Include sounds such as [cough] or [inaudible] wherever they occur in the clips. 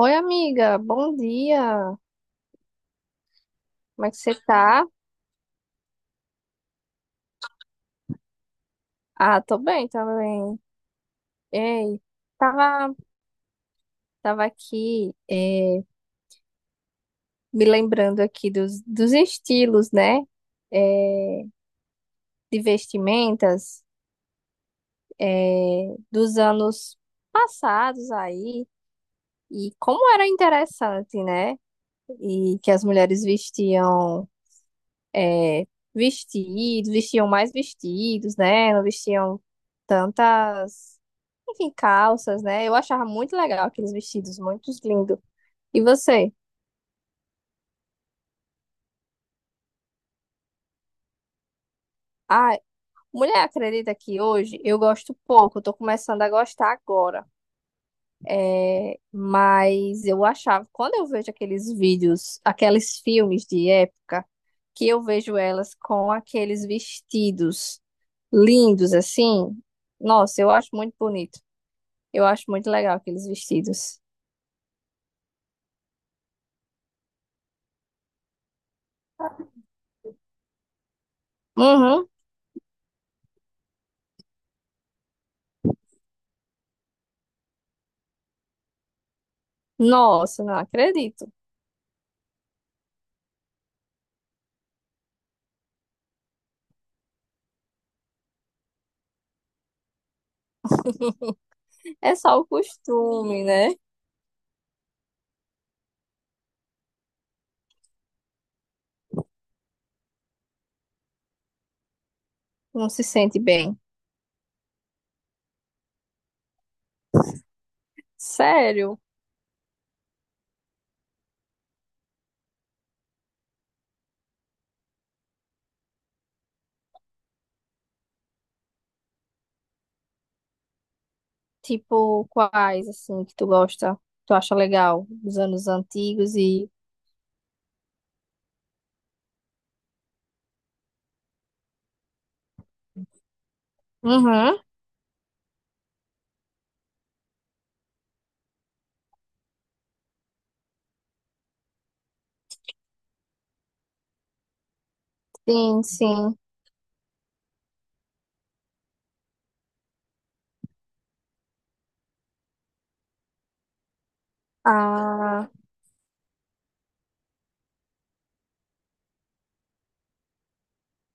Oi, amiga, bom dia. Como é que você tá? Ah, tô bem também. Ei, tava, tava aqui me lembrando aqui dos estilos, né? É, de vestimentas, é, dos anos passados aí. E como era interessante, né? E que as mulheres vestiam. é, Vestidos, vestiam mais vestidos, né? Não vestiam tantas, enfim, calças, né? Eu achava muito legal aqueles vestidos, muito lindo. E você? Ah, mulher, acredita que hoje eu gosto pouco, eu tô começando a gostar agora. É, mas eu achava, quando eu vejo aqueles vídeos, aqueles filmes de época, que eu vejo elas com aqueles vestidos lindos assim, nossa, eu acho muito bonito. Eu acho muito legal aqueles vestidos. Uhum. Nossa, não acredito. É só o costume, né? Não se sente bem. Sério? Tipo, quais, assim, que tu gosta, tu acha legal? Dos anos antigos e. Uhum. Sim, sim. Ah,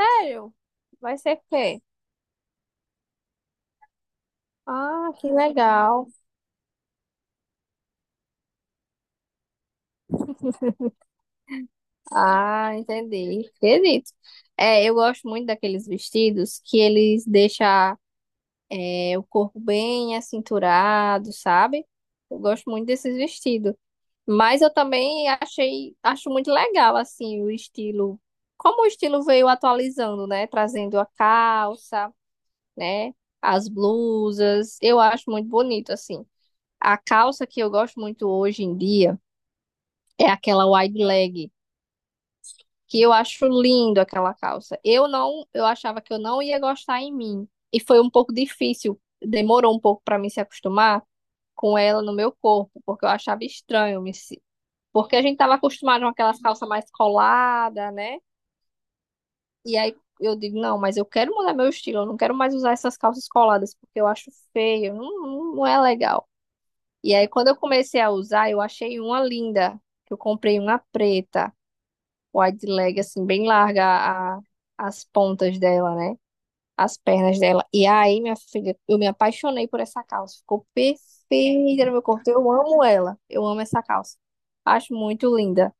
sério? Vai ser o quê? Ah, que legal. Ah, entendi. Acredito. É, eu gosto muito daqueles vestidos que eles deixam, é, o corpo bem acinturado, sabe? Eu gosto muito desses vestidos. Mas eu também achei, acho muito legal, assim, o estilo. Como o estilo veio atualizando, né? Trazendo a calça, né? As blusas. Eu acho muito bonito, assim. A calça que eu gosto muito hoje em dia é aquela wide leg, que eu acho lindo aquela calça. Eu não, eu achava que eu não ia gostar em mim. E foi um pouco difícil, demorou um pouco para mim se acostumar com ela no meu corpo, porque eu achava estranho, me se- porque a gente estava acostumado com aquelas calças mais coladas, né? E aí eu digo, não, mas eu quero mudar meu estilo, eu não quero mais usar essas calças coladas, porque eu acho feio, não, não é legal. E aí quando eu comecei a usar, eu achei uma linda, que eu comprei uma preta, wide leg, assim, bem larga a- as pontas dela, né? As pernas dela. E aí, minha filha, eu me apaixonei por essa calça. Ficou perfeita no meu corpo. Eu amo ela. Eu amo essa calça. Acho muito linda.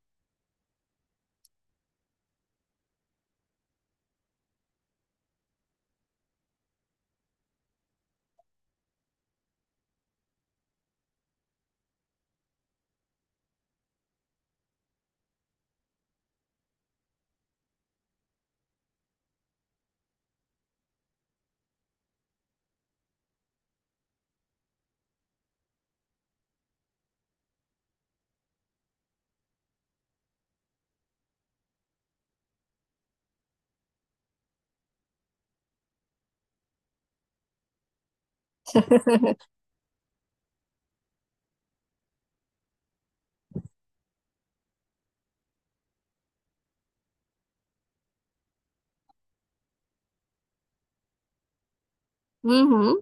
Uhum.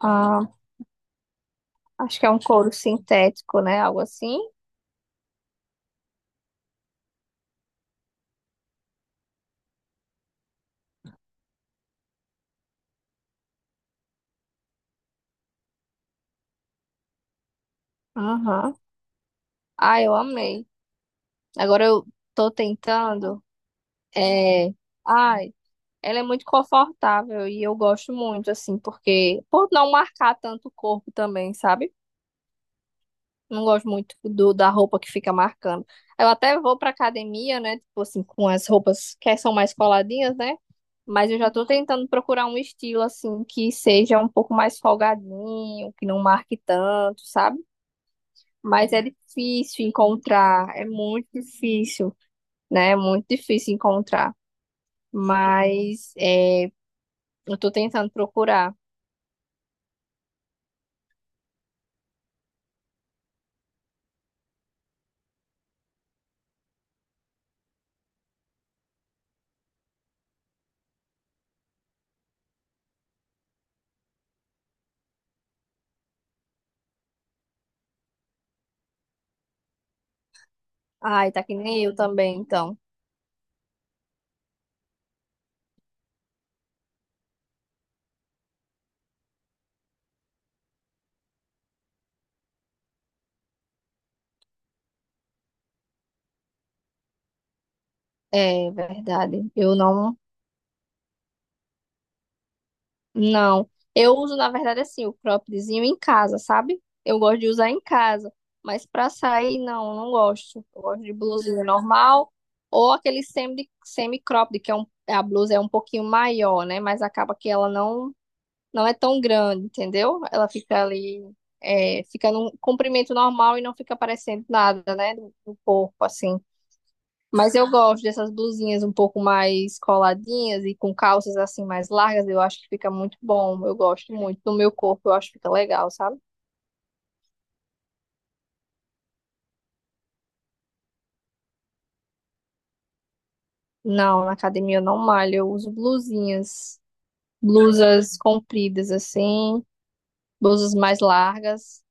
Ah, acho que é um couro sintético, né? Algo assim. Aham. Ah, eu amei. Agora eu tô tentando. É... Ai, ela é muito confortável e eu gosto muito, assim, porque. Por não marcar tanto o corpo também, sabe? Não gosto muito do, da roupa que fica marcando. Eu até vou pra academia, né? Tipo assim, com as roupas que são mais coladinhas, né? Mas eu já tô tentando procurar um estilo, assim, que seja um pouco mais folgadinho, que não marque tanto, sabe? Mas é difícil encontrar, é muito difícil, né? É muito difícil encontrar. Mas é, eu tô tentando procurar. Ai, tá que nem eu também, então. É verdade. Eu não. Não, eu uso na verdade assim o croppedzinho em casa, sabe? Eu gosto de usar em casa, mas pra sair não, não gosto. Eu gosto de blusinha normal ou aquele semi cropped que é um, a blusa é um pouquinho maior, né? Mas acaba que ela não é tão grande, entendeu? Ela fica ali, fica num comprimento normal e não fica parecendo nada, né? Do, do corpo assim. Mas eu gosto dessas blusinhas um pouco mais coladinhas e com calças assim mais largas, eu acho que fica muito bom. Eu gosto muito do meu corpo, eu acho que fica legal, sabe? Não, na academia eu não malho, eu uso blusinhas, blusas compridas assim, blusas mais largas.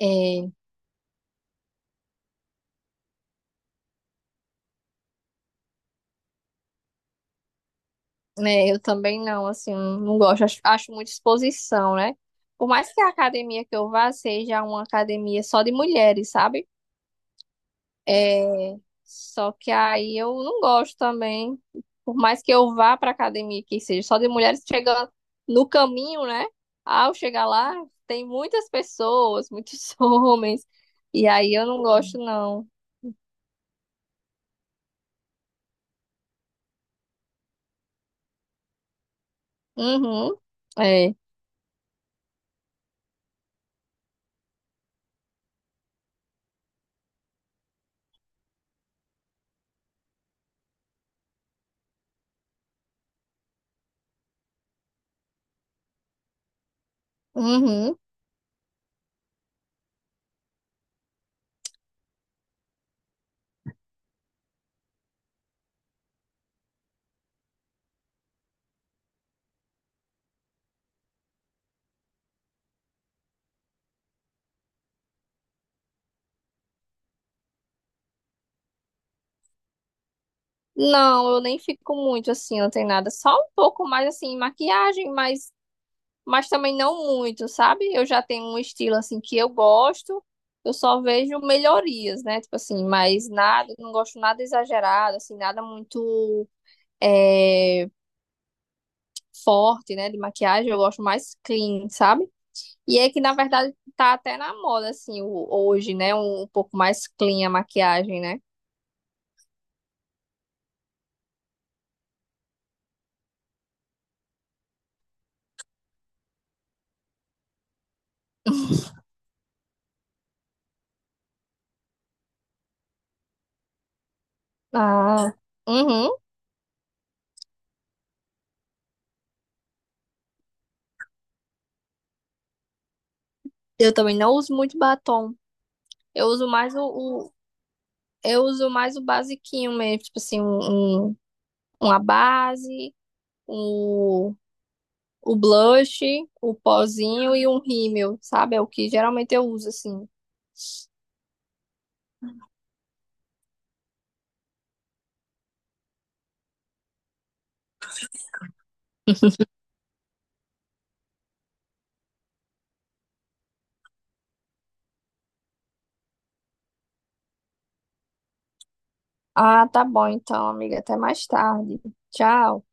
É, né, eu também não, assim, não gosto, acho, acho muita exposição, né? Por mais que a academia que eu vá seja uma academia só de mulheres, sabe? É, só que aí eu não gosto também. Por mais que eu vá pra academia, que seja só de mulheres chegando no caminho, né? Ao chegar lá, tem muitas pessoas, muitos [laughs] homens. E aí eu não gosto, não. Uhum. É. Uhum. Não, eu nem fico muito assim, não tem nada. Só um pouco mais assim, maquiagem, mas também não muito, sabe? Eu já tenho um estilo assim que eu gosto, eu só vejo melhorias, né? Tipo assim, mas nada, não gosto nada exagerado, assim, nada muito, é, forte, né? De maquiagem, eu gosto mais clean, sabe? E é que na verdade tá até na moda, assim, hoje, né? Um pouco mais clean a maquiagem, né? Ah, uhum. Eu também não uso muito batom. Eu uso mais o- eu uso mais o basiquinho mesmo, tipo assim, uma base, o, o blush, o pozinho e um rímel, sabe? É o que geralmente eu uso assim. Ah, tá bom então, amiga. Até mais tarde. Tchau.